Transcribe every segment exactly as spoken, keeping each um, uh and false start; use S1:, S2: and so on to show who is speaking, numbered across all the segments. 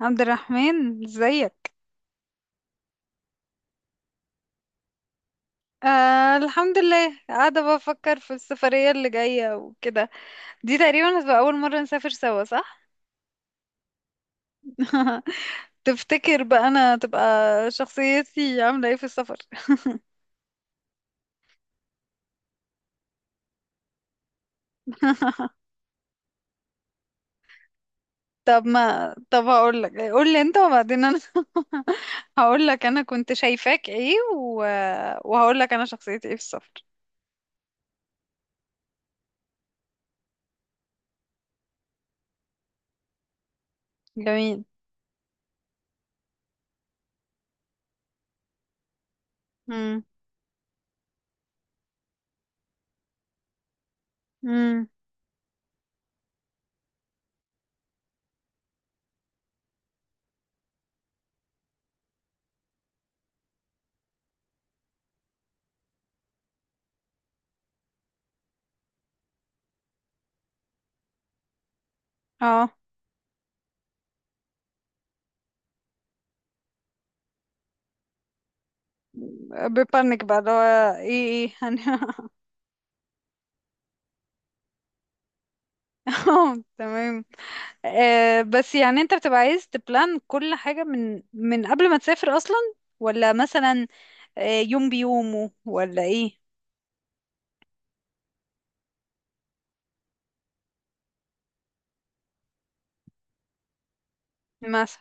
S1: عبد الرحمن، ازيك؟ آه، الحمد لله، قاعدة بفكر في السفرية اللي جاية وكده. دي تقريبا هتبقى أول مرة نسافر سوا صح؟ تفتكر بقى أنا تبقى شخصيتي عاملة ايه في السفر؟ طب ما طب هقولك، قولي انت وبعدين أنا. هقولك أنا كنت شايفاك ايه و... وهقولك أنا شخصيتي ايه في السفر. جميل. امم. امم. اه، ببانك بقى اللي هو ايه ايه. هن- اه، تمام. آه، بس يعني انت بتبقى عايز تبلان كل حاجة من من قبل ما تسافر اصلا؟ ولا مثلا آه، يوم بيومه ولا ايه، مثلا؟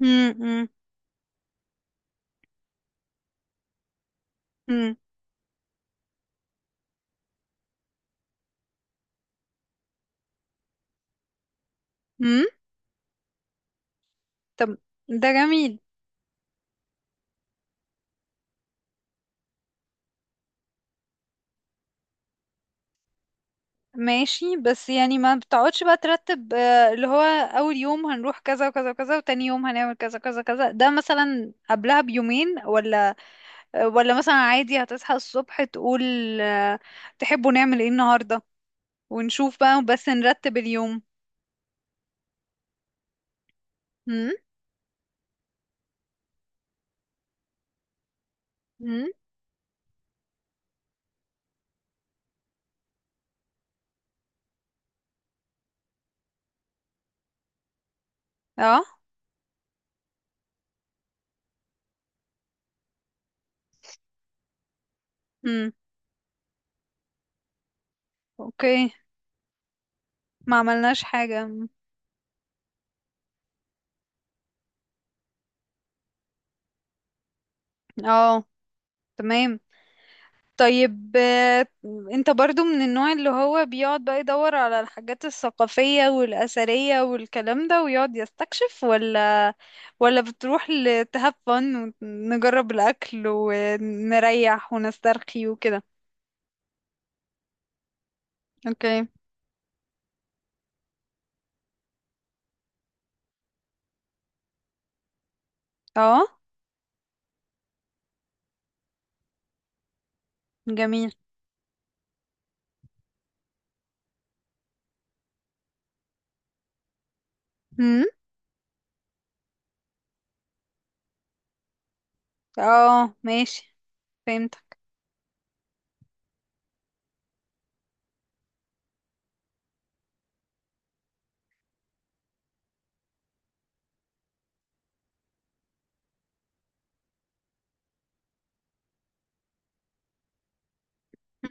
S1: مم، مم، مم، مم. طب، ده جميل. ماشي، بس يعني ما بتقعدش بقى ترتب آه، اللي هو اول يوم هنروح كذا وكذا وكذا، وتاني يوم هنعمل كذا كذا كذا، ده مثلا قبلها بيومين ولا؟ آه، ولا مثلا عادي هتصحى الصبح تقول، آه، تحبوا نعمل ايه النهاردة، ونشوف بقى بس نرتب اليوم. امم. اه. امم. اوكي. ما عملناش حاجة. مم. اه، تمام. طيب، آه، انت برضو من النوع اللي هو بيقعد بقى يدور على الحاجات الثقافية والأثرية والكلام ده، ويقعد يستكشف، ولا؟ ولا بتروح ل- to have fun، ونجرب الأكل ونريح ونسترخي وكده؟ اوكي. اه. جميل. امم. اه، ماشي، فهمتك.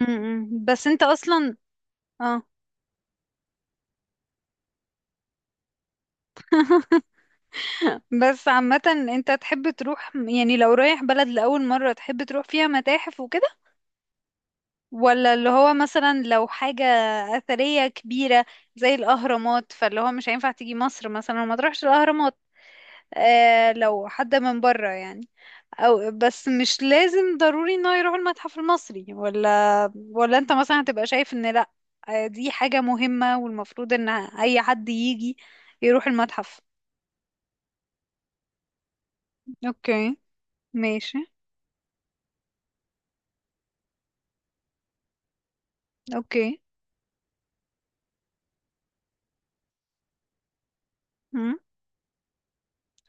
S1: امم، بس انت اصلا. اه. بس عامة، انت تحب تروح يعني لو رايح بلد لأول مرة، تحب تروح فيها متاحف وكده، ولا اللي هو مثلا لو حاجة أثرية كبيرة زي الأهرامات، فاللي هو مش هينفع تيجي مصر مثلا وما تروحش الأهرامات؟ آه، لو حد من بره يعني. أو بس مش لازم ضروري انه يروح المتحف المصري، ولا ولا انت مثلا هتبقى شايف ان لأ، آه، دي حاجة مهمة والمفروض ان أي حد يجي يروح المتحف؟ اوكي. ماشي. اوكي.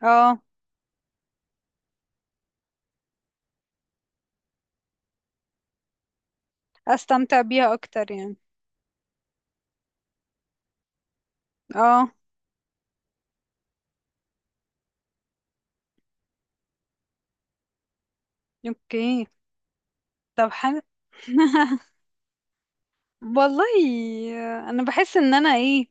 S1: اه، استمتع بيها اكتر يعني. اه. اوكي. طب، حلو. والله. انا بحس ان انا ايه،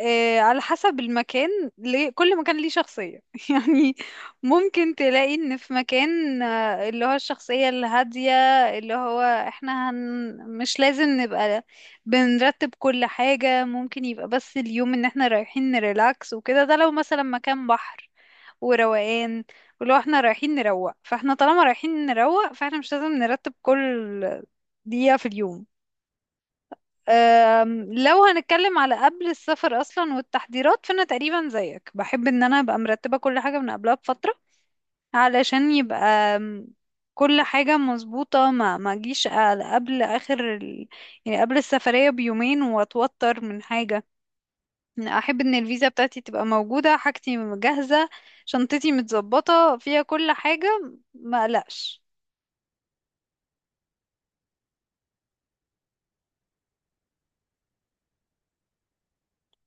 S1: آه على حسب المكان، ليه كل مكان ليه شخصية. يعني ممكن تلاقي ان في مكان آه، اللي هو الشخصية الهادية، اللي هو احنا هن مش لازم نبقى بنرتب كل حاجة، ممكن يبقى بس اليوم ان احنا رايحين نريلاكس وكده، ده لو مثلا مكان بحر وروقان. ولو احنا رايحين نروق فاحنا طالما رايحين نروق فاحنا مش لازم نرتب كل دقيقة في اليوم. أم، لو هنتكلم على قبل السفر اصلا والتحضيرات، فانا تقريبا زيك بحب ان انا ابقى مرتبة كل حاجة من قبلها بفترة، علشان يبقى أم، كل حاجة مظبوطة، ما ما اجيش على- قبل اخر ال... يعني قبل السفرية بيومين، واتوتر من حاجة. احب ان الفيزا بتاعتي تبقى موجودة، حاجتي جاهزة، شنطتي متظبطة فيها كل حاجة، ما قلقش.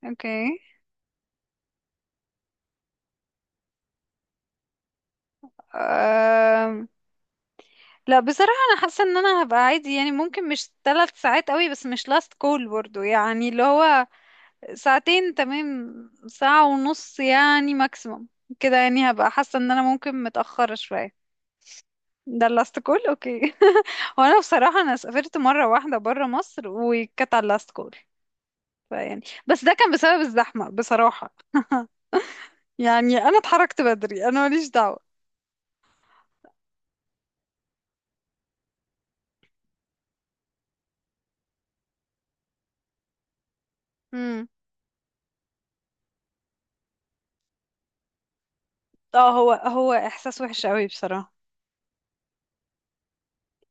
S1: اوكي. أم... لا، بصراحة انا حاسة ان انا هبقى عادي يعني، ممكن مش ثلاث ساعات قوي، بس مش لاست كول برضو يعني، اللي هو ساعتين تمام. ساعة ونص يعني ماكسيموم. كده يعني هبقى حاسة ان انا ممكن متأخرة شوية. ده اللاست كول. اوكي. وانا بصراحة انا سافرت مرة واحدة برا مصر وكانت على اللاست كول، فيعني. بس ده كان بسبب الزحمة بصراحة. يعني أنا اتحركت بدري، أنا ماليش دعوة. امم. اه، هو هو إحساس وحش قوي بصراحة.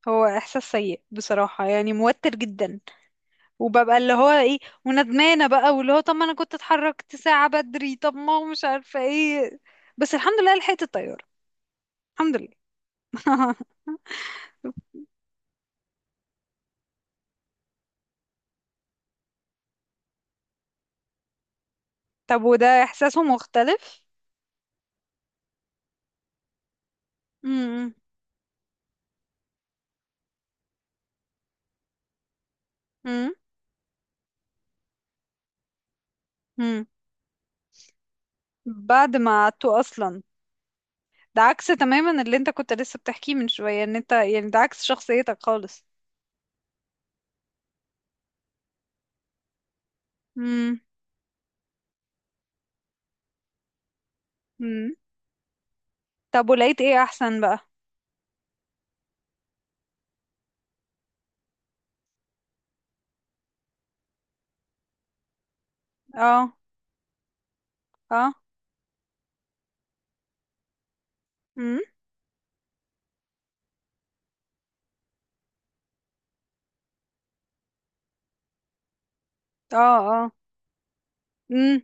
S1: هو إحساس سيء بصراحة، يعني موتر جدا. وببقى اللي هو إيه، وندمانة بقى، واللي هو طب ما أنا كنت اتحركت ساعة بدري، طب ما هو مش عارفة إيه. بس الحمد لله لحقت الطيارة. الحمد لله. طب، وده إحساسه مختلف؟ امم. امم. بعد ما قعدتوا أصلا؟ ده عكس تماما اللي انت كنت لسه بتحكيه من شوية، ان انت يعني ده عكس شخصيتك خالص. امم. امم. طب ولقيت ايه احسن بقى؟ اه. اه. امم. اه. اه. امم.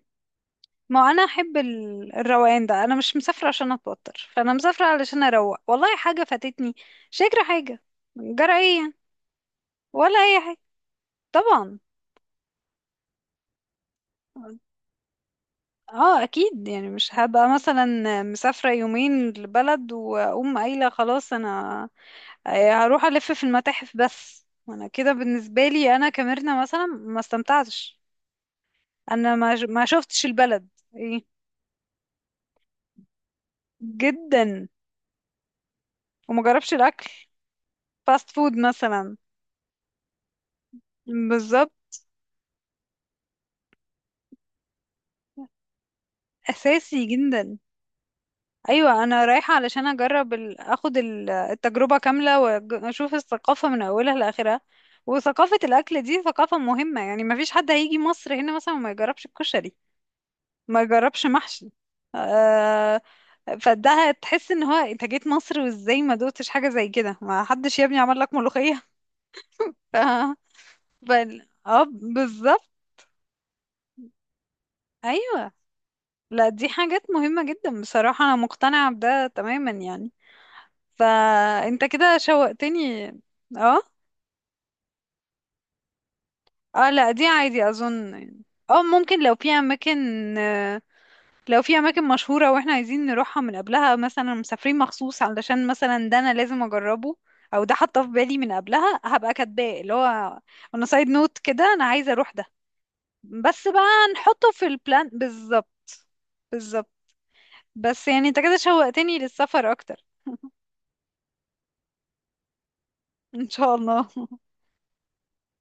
S1: ما انا احب ال- الروقان ده، انا مش مسافرة عشان اتوتر، فانا مسافرة علشان اروق. والله حاجة فاتتني، شكرا حاجة، جرى ايه يعني؟ ولا اي حاجة. طبعا. اه، اكيد يعني مش هبقى مثلا مسافرة يومين لبلد واقوم قايلة خلاص، انا آه، هروح ألف في المتاحف. بس أنا كده بالنسبة لي أنا كميرنا مثلا ما استمتعتش، أنا ما ج- ما شفتش البلد. إيه؟ جدا. وما جربش الأكل. فاست فود مثلا. بالظبط. أساسي جدا. أيوة، أنا رايحة علشان أجرب ال... أخد ال- التجربة كاملة، وأشوف الثقافة من أولها لآخرها. وثقافة الأكل دي ثقافة مهمة، يعني ما فيش حد هيجي مصر هنا مثلا وما يجربش الكشري. ما جربش محشي. آه. فده هتحس ان هو انت جيت مصر وازاي ما دوتش حاجه زي كده، ما حدش يا ابني عمل لك ملوخيه. ف بل... اه، بالظبط. ايوه. لا دي حاجات مهمه جدا بصراحه، انا مقتنعه بده تماما يعني، فانت كده شوقتني. اه. اه، لا دي عادي اظن يعني. اه، ممكن لو في اماكن آه، لو في اماكن مشهورة واحنا عايزين نروحها من قبلها، مثلا مسافرين مخصوص علشان مثلا ده انا لازم اجربه، او ده حاطه في بالي من قبلها، هبقى كاتباه اللي هو انا سايد نوت، كده انا عايزة اروح ده بس بقى. نحطه في البلان، بالظبط. بالظبط، بس يعني انت كده شوقتني للسفر اكتر. ان شاء الله.